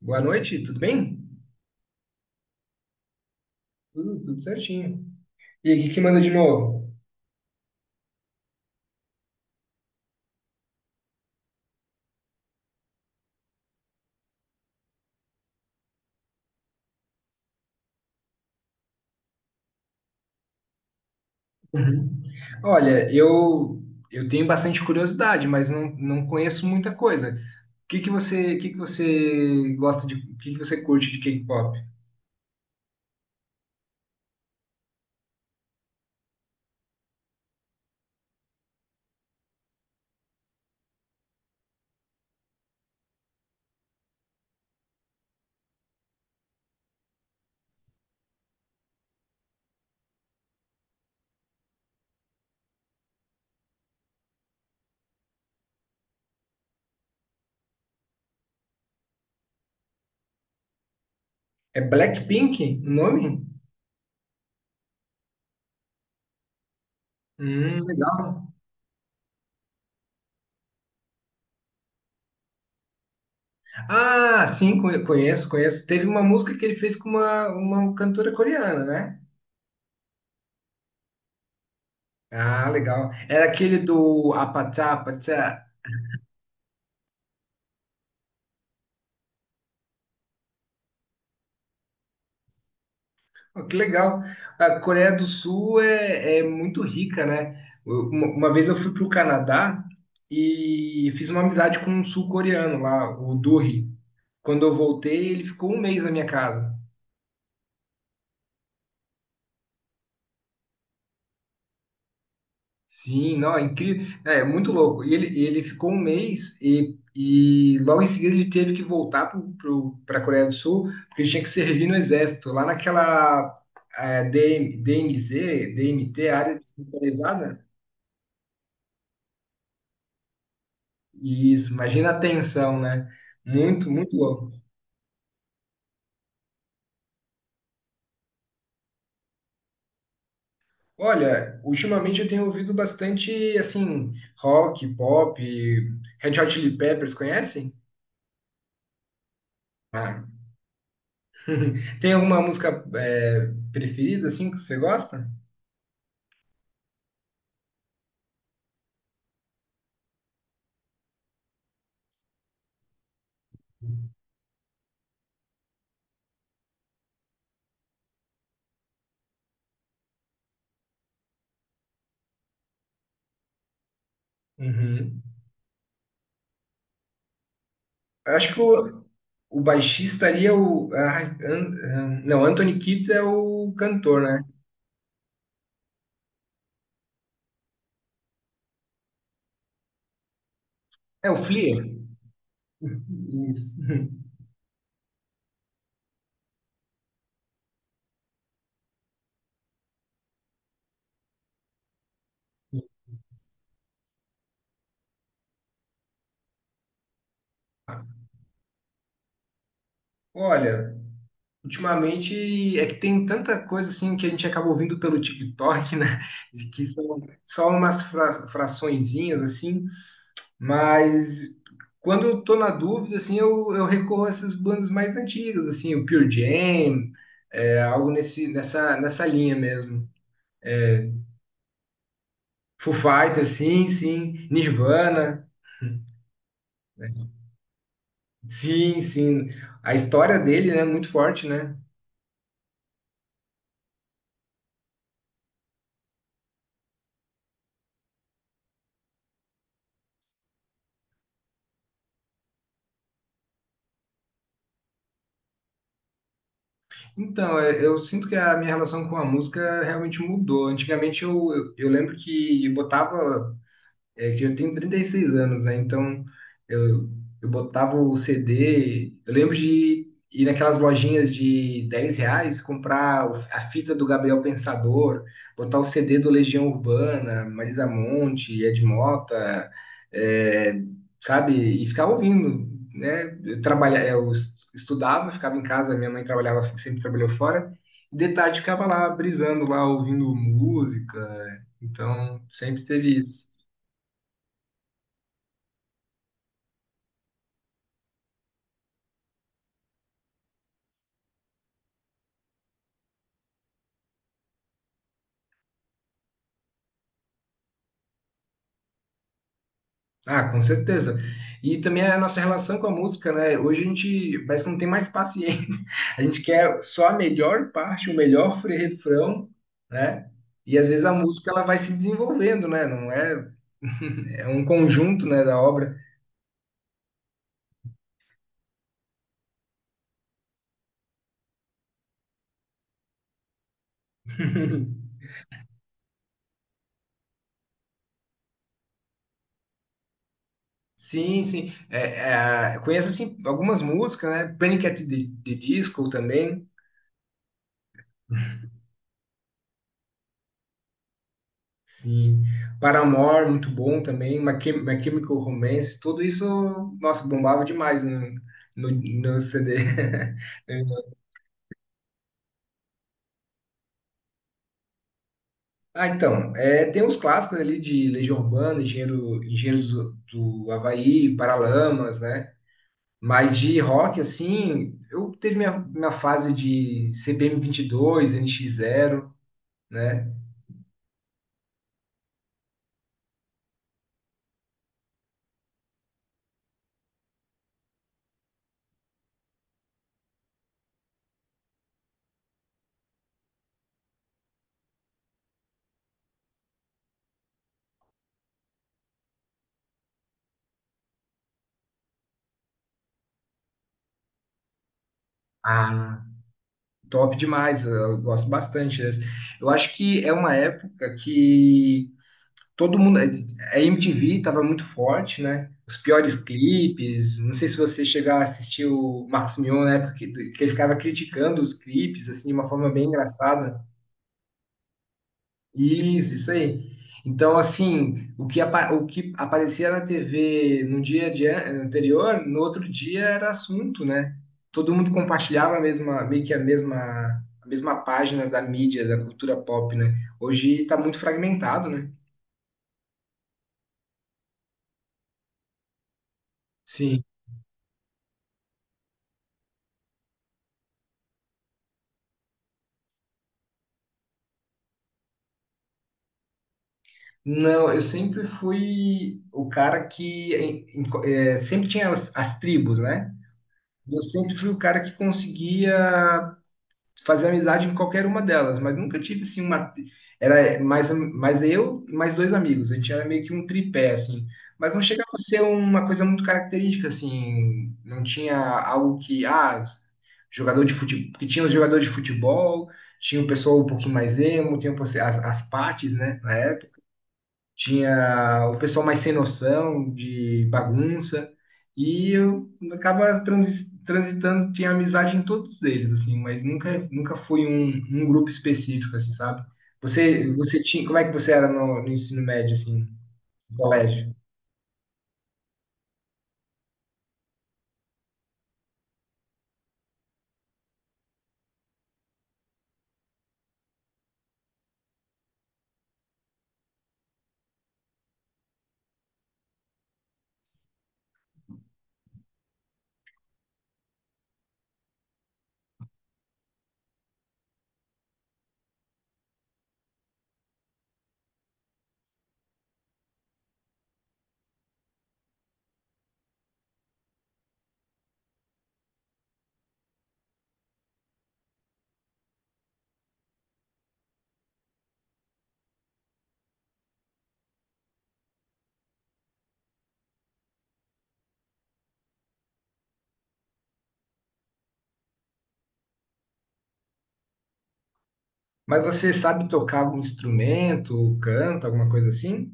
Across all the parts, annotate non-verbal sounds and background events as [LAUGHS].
Boa noite, tudo bem? Tudo certinho. E aí, o que que manda de novo? Uhum. Olha, eu tenho bastante curiosidade, mas não conheço muita coisa. O que que você curte de K-pop? É Blackpink o nome? Legal. Ah, sim, conheço, conheço. Teve uma música que ele fez com uma cantora coreana, né? Ah, legal. Era aquele do Apatá, Apatá. Pô, que legal. A Coreia do Sul é muito rica, né? Uma vez eu fui para o Canadá e fiz uma amizade com um sul-coreano lá, o Duri. Quando eu voltei, ele ficou um mês na minha casa. Sim, não, é incrível. É muito louco. E ele ficou um mês e logo em seguida ele teve que voltar para a Coreia do Sul, porque ele tinha que servir no exército, lá naquela DM, DMZ, DMT, área desmilitarizada. Isso, imagina a tensão, né? Muito, muito louco. Olha, ultimamente eu tenho ouvido bastante, assim, rock, pop, Red Hot Chili Peppers, conhece? Ah. [LAUGHS] Tem alguma música preferida, assim, que você gosta? Uhum. Eu acho que o baixista ali é o, ai, ah, não, Anthony Kiedis é o cantor, né? É o Flea? Isso. [LAUGHS] Olha, ultimamente é que tem tanta coisa assim que a gente acaba ouvindo pelo TikTok, né? De que são só umas fraçõezinhas assim, mas quando eu tô na dúvida, assim, eu recorro a essas bandas mais antigas, assim, o Pure Jam, algo nesse, nessa, nessa linha mesmo. Foo Fighters, sim, sim. Nirvana, né? Sim, sim. A história dele, né, é muito forte, né? Então, eu sinto que a minha relação com a música realmente mudou. Antigamente eu lembro que eu botava, é que eu tenho 36 anos, né? Então eu, eu botava o CD. Eu lembro de ir naquelas lojinhas de R$ 10, comprar a fita do Gabriel Pensador, botar o CD do Legião Urbana, Marisa Monte, Ed Mota, é, sabe? E ficar ouvindo, né? Eu trabalha, eu es- estudava, ficava em casa, minha mãe trabalhava, sempre trabalhou fora. E de tarde ficava lá, brisando lá, ouvindo música. Então sempre teve isso. Ah, com certeza. E também a nossa relação com a música, né? Hoje a gente parece que não tem mais paciência. [LAUGHS] A gente quer só a melhor parte, o melhor refrão, né? E às vezes a música ela vai se desenvolvendo, né? Não é, é um conjunto, né, da obra. [LAUGHS] Sim, sim. É, é, conheço assim algumas músicas, né? Panic at the Disco também. Sim. Paramore, muito bom também. My Chemical Romance, tudo isso, nossa, bombava demais no CD. [LAUGHS] Ah, então, tem uns clássicos ali de Legião Urbana, Engenheiros do Havaí, Paralamas, né? Mas de rock, assim, eu teve minha fase de CPM 22, NX 0, né? Ah, top demais, eu gosto bastante dessa. Eu acho que é uma época que todo mundo. A MTV estava muito forte, né? Os piores clipes. Não sei se você chegou a assistir o Marcos Mion na época que ele ficava criticando os clipes, assim, de uma forma bem engraçada. Isso aí. Então, assim, o que aparecia na TV no dia de anterior, no outro dia era assunto, né? Todo mundo compartilhava a mesma, meio que a mesma página da mídia, da cultura pop, né? Hoje está muito fragmentado, né? Não, eu sempre fui o cara que sempre tinha as tribos, né? Eu sempre fui o cara que conseguia fazer amizade em qualquer uma delas, mas nunca tive assim uma. Era mais eu e mais dois amigos. A gente era meio que um tripé, assim. Mas não chegava a ser uma coisa muito característica, assim. Não tinha algo que. Ah, jogador de futebol. Porque tinha os jogadores de futebol, tinha o pessoal um pouquinho mais emo, tinha as partes, né? Na época tinha o pessoal mais sem noção, de bagunça, e eu acaba transitando, tinha amizade em todos eles, assim, mas nunca foi um grupo específico, assim, sabe? Você como é que você era no ensino médio, assim, no colégio? Mas você sabe tocar algum instrumento, canto, alguma coisa assim?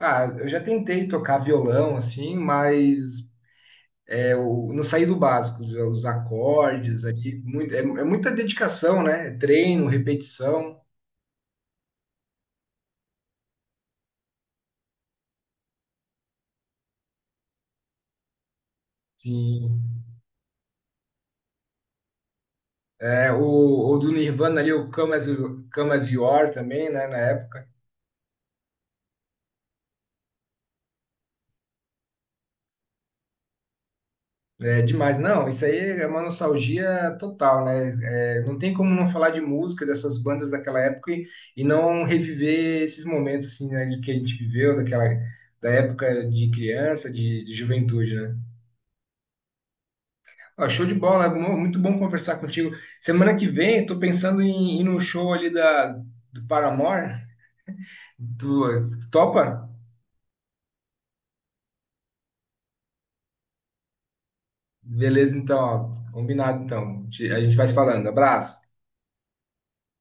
Ah, eu já tentei tocar violão, assim, mas não sair do básico, os acordes ali, muito, é muita dedicação, né? É treino, repetição. Sim. É, o do Nirvana ali, o Come As You Are também, né? Na época. É demais. Não, isso aí é uma nostalgia total, né? É, não tem como não falar de música dessas bandas daquela época e não reviver esses momentos assim, né, de que a gente viveu, da época de criança, de juventude, né? Ah, show de bola, muito bom conversar contigo. Semana que vem, eu tô pensando em ir no show ali do Paramore. Tu topa? Beleza, então, ó, combinado então. A gente vai se falando. Abraço.